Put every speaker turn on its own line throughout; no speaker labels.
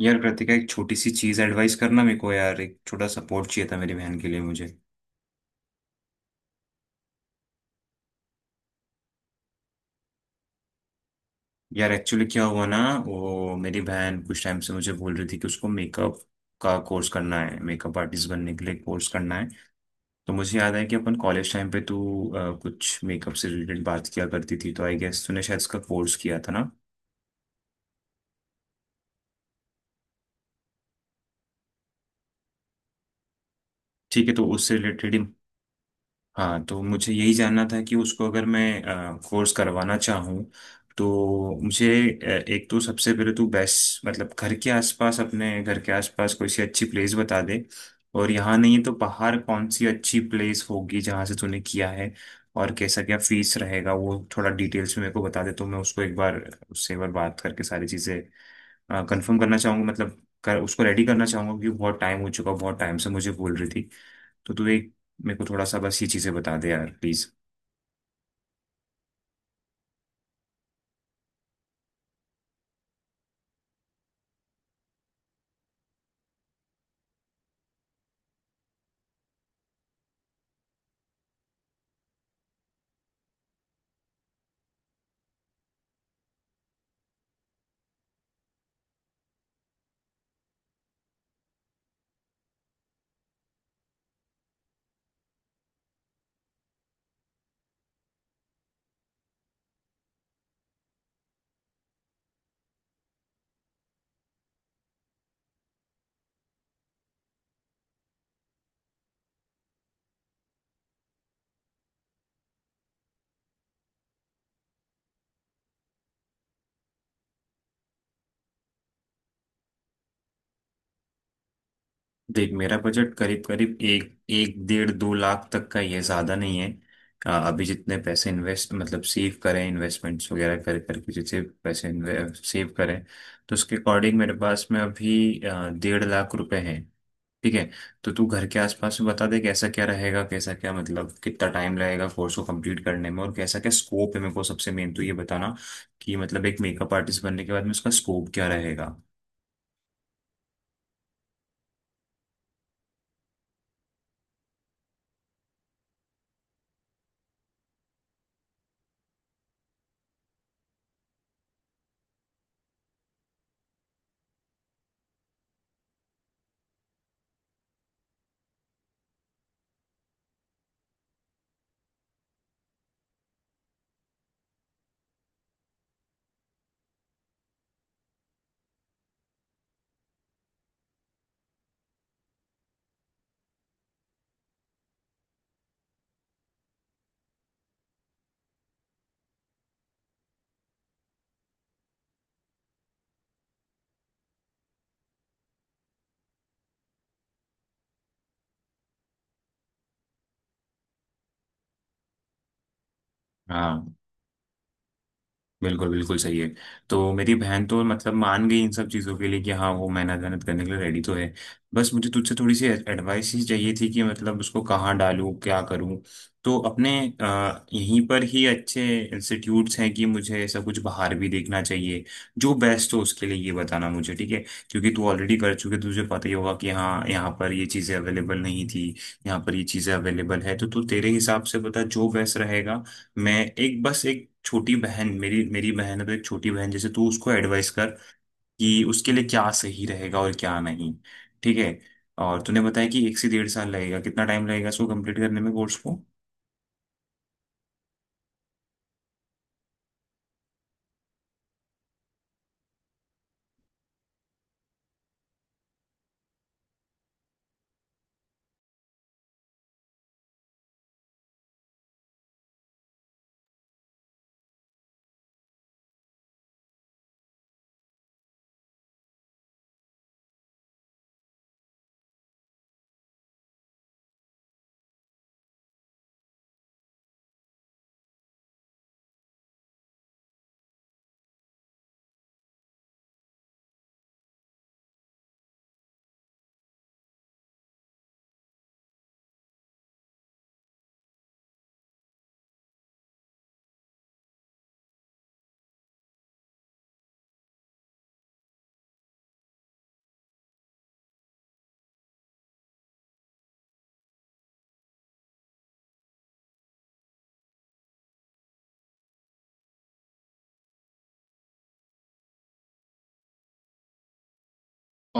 यार कृतिका एक छोटी सी चीज एडवाइस करना मेरे को यार। एक छोटा सपोर्ट चाहिए था मेरी बहन के लिए मुझे। यार एक्चुअली क्या हुआ ना, वो मेरी बहन कुछ टाइम से मुझे बोल रही थी कि उसको मेकअप का कोर्स करना है, मेकअप आर्टिस्ट बनने के लिए कोर्स करना है। तो मुझे याद है कि अपन कॉलेज टाइम पे तू कुछ मेकअप से रिलेटेड बात किया करती थी, तो आई गेस तूने शायद इसका कोर्स किया था ना। ठीक है, तो उससे रिलेटेड। हाँ, तो मुझे यही जानना था कि उसको अगर मैं कोर्स करवाना चाहूँ तो मुझे एक तो सबसे पहले तो बेस्ट, मतलब घर के आसपास, अपने घर के आसपास कोई सी अच्छी प्लेस बता दे। और यहाँ नहीं है तो बाहर कौन सी अच्छी प्लेस होगी जहाँ से तूने किया है। और कैसा क्या फीस रहेगा वो थोड़ा डिटेल्स में मेरे को बता दे, तो मैं उसको एक बार उससे एक बार बात करके सारी चीज़ें कंफर्म करना चाहूँगा। मतलब उसको रेडी करना चाहूँगा, क्योंकि बहुत टाइम हो चुका, बहुत टाइम से मुझे बोल रही थी। तो तू एक मेरे को थोड़ा सा बस ये चीजें बता दे यार प्लीज। देख, मेरा बजट करीब करीब एक एक डेढ़ दो लाख तक का ही है, ज्यादा नहीं है। अभी जितने पैसे इन्वेस्ट, मतलब सेव करें, इन्वेस्टमेंट्स वगैरह कर करके जितने पैसे सेव करें, तो उसके अकॉर्डिंग मेरे पास में अभी 1.5 लाख रुपए हैं। ठीक है, तो तू घर के आसपास में बता दे कैसा क्या रहेगा, कैसा क्या, मतलब कितना टाइम लगेगा कोर्स को कंप्लीट करने में, और कैसा क्या स्कोप है। मेरे को सबसे मेन तो ये बताना कि मतलब एक मेकअप आर्टिस्ट बनने के बाद में उसका स्कोप क्या रहेगा। हाँ, बिल्कुल बिल्कुल सही है। तो मेरी बहन तो मतलब मान गई इन सब चीज़ों के लिए, कि हाँ, वो मेहनत मेहनत करने के लिए रेडी तो है। बस मुझे तुझसे थोड़ी सी एडवाइस ही चाहिए थी कि मतलब उसको कहाँ डालूँ, क्या करूँ। तो अपने यहीं पर ही अच्छे इंस्टीट्यूट्स हैं, कि मुझे ऐसा कुछ बाहर भी देखना चाहिए जो बेस्ट हो उसके लिए, ये बताना मुझे। ठीक है, क्योंकि तू ऑलरेडी कर चुके, तुझे पता ही होगा कि हाँ, यहाँ पर ये चीज़ें अवेलेबल नहीं थी, यहाँ पर ये चीज़ें अवेलेबल है। तो तू तेरे हिसाब से बता जो बेस्ट रहेगा। मैं, एक बस एक छोटी बहन, मेरी मेरी बहन है, तो एक छोटी बहन जैसे तू उसको एडवाइस कर कि उसके लिए क्या सही रहेगा और क्या नहीं। ठीक है। और तूने बताया कि 1 से 1.5 साल लगेगा, कितना टाइम लगेगा इसको कंप्लीट करने में, कोर्स को।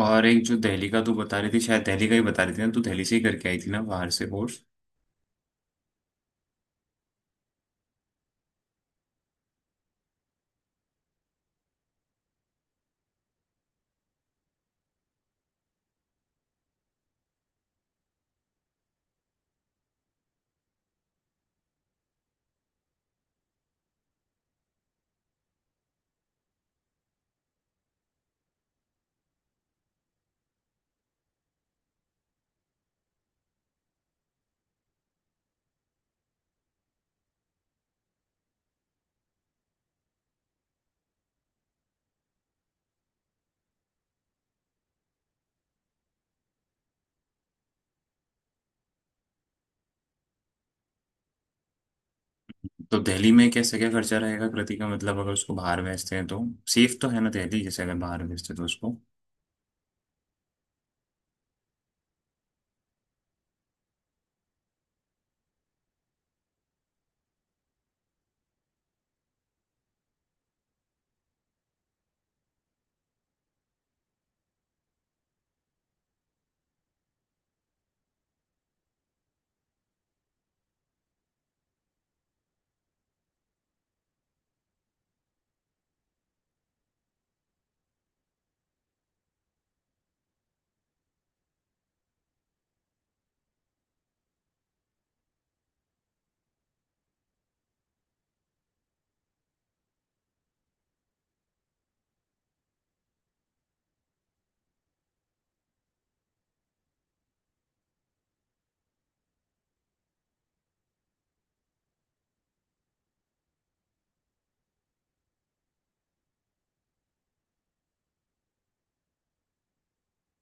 और एक जो दिल्ली का तू बता रही थी, शायद दिल्ली का ही बता रही थी ना, तू दिल्ली से ही करके आई थी ना बाहर से कोर्स। तो दिल्ली में कैसे क्या खर्चा रहेगा कृति का मतलब अगर उसको बाहर भेजते हैं तो। सेफ तो है ना दिल्ली, जैसे अगर बाहर भेजते हैं तो उसको।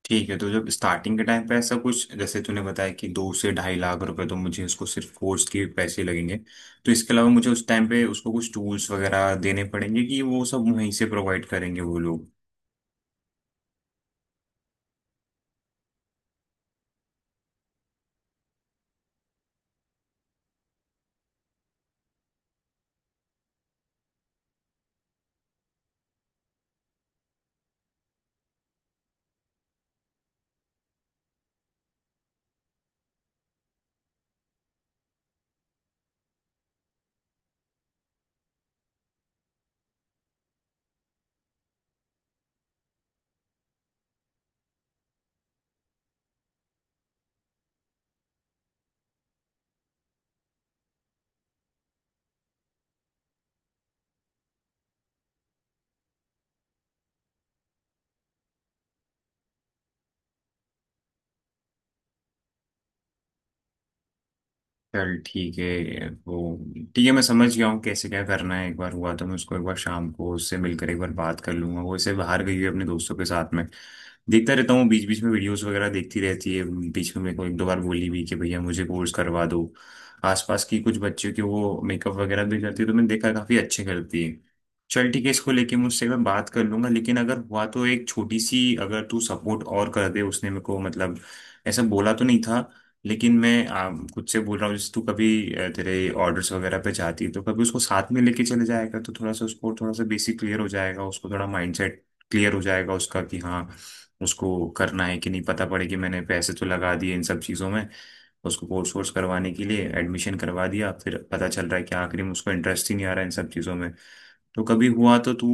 ठीक है, तो जब स्टार्टिंग के टाइम पे ऐसा कुछ जैसे तूने बताया कि 2 से 2.5 लाख रुपए तो मुझे उसको सिर्फ कोर्स के पैसे लगेंगे, तो इसके अलावा मुझे उस टाइम पे उसको कुछ टूल्स वगैरह देने पड़ेंगे, कि वो सब वहीं से प्रोवाइड करेंगे वो लोग। चल ठीक है वो। ठीक है, मैं समझ गया हूँ कैसे क्या करना है। एक बार हुआ तो मैं उसको, एक बार शाम को उससे मिलकर एक बार बात कर लूंगा। वो ऐसे बाहर गई हुई है अपने दोस्तों के साथ में। देखता रहता हूँ बीच बीच में वीडियोस वगैरह देखती रहती है। बीच में मेरे को एक दो बार बोली भी कि भैया मुझे कोर्स करवा दो। आसपास की कुछ बच्चों की वो मेकअप वगैरह भी करती है, तो मैंने देखा काफी अच्छे करती है। चल ठीक है, इसको लेके मुझसे, मैं बात कर लूंगा। लेकिन अगर हुआ तो एक छोटी सी अगर तू सपोर्ट और कर दे। उसने मेरे को मतलब ऐसा बोला तो नहीं था, लेकिन मैं खुद से बोल रहा हूँ, जैसे तू कभी तेरे ऑर्डर्स वगैरह पे जाती है तो कभी उसको साथ में लेके चले जाएगा, तो थोड़ा सा उसको थोड़ा सा बेसिक क्लियर हो जाएगा, उसको थोड़ा माइंडसेट क्लियर हो जाएगा उसका, कि हाँ उसको करना है कि नहीं, पता पड़े। कि मैंने पैसे तो लगा दिए इन सब चीज़ों में, उसको कोर्स वोर्स करवाने के लिए एडमिशन करवा दिया, फिर पता चल रहा है कि आखिरी में उसको इंटरेस्ट ही नहीं आ रहा है इन सब चीज़ों में। तो कभी हुआ तो तू,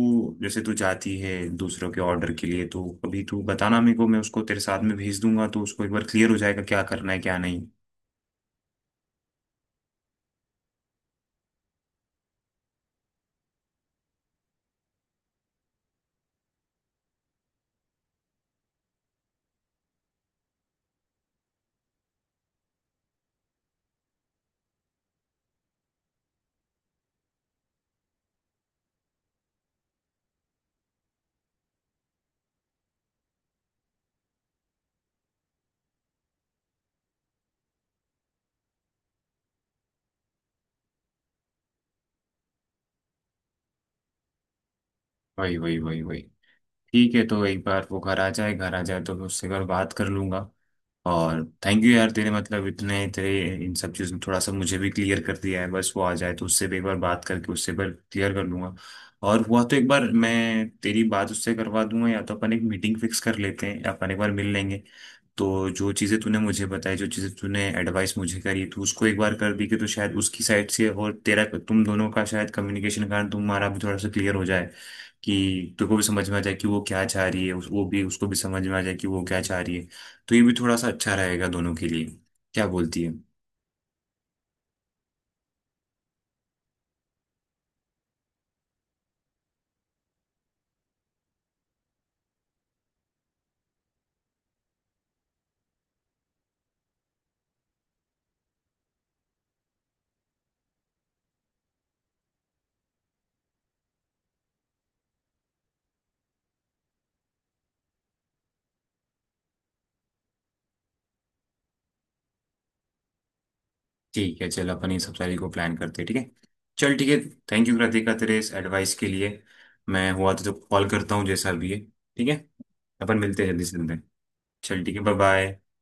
जैसे तू जाती है दूसरों के ऑर्डर के लिए, तो कभी तू बताना मेरे को, मैं उसको तेरे साथ में भेज दूंगा, तो उसको एक बार क्लियर हो जाएगा क्या करना है क्या नहीं। वही वही वही वही। ठीक है, तो एक बार वो घर आ जाए, घर आ जाए तो मैं उससे एक बार बात कर लूंगा। और थैंक यू यार तेरे, मतलब इतने तेरे, इन सब चीज़ों में थोड़ा सा मुझे भी क्लियर कर दिया है। बस वो आ जाए तो उससे भी एक बार बात करके उससे एक बार क्लियर कर लूंगा। और हुआ तो एक बार मैं तेरी बात उससे करवा दूंगा, या तो अपन एक मीटिंग फिक्स कर लेते हैं, या अपन एक बार मिल लेंगे। तो जो चीज़ें तूने मुझे बताई, जो चीज़ें तूने एडवाइस मुझे करी तू उसको एक बार कर दी कि, तो शायद उसकी साइड से और तेरा, तुम दोनों का शायद कम्युनिकेशन कारण तुम्हारा भी थोड़ा सा क्लियर हो जाए, कि तुमको भी समझ में आ जाए कि वो क्या चाह रही है, वो भी, उसको भी समझ में आ जाए कि वो क्या चाह रही है। तो ये भी थोड़ा सा अच्छा रहेगा दोनों के लिए। क्या बोलती है? ठीक है चल, अपन ये सब सारी को प्लान करते हैं, ठीक है। चल ठीक है। थैंक यू कृतिका तेरे इस एडवाइस के लिए। मैं हुआ तो कॉल करता हूँ जैसा भी है। ठीक है, अपन मिलते हैं जल्दी से जल्दी। चल ठीक है, बाय बाय।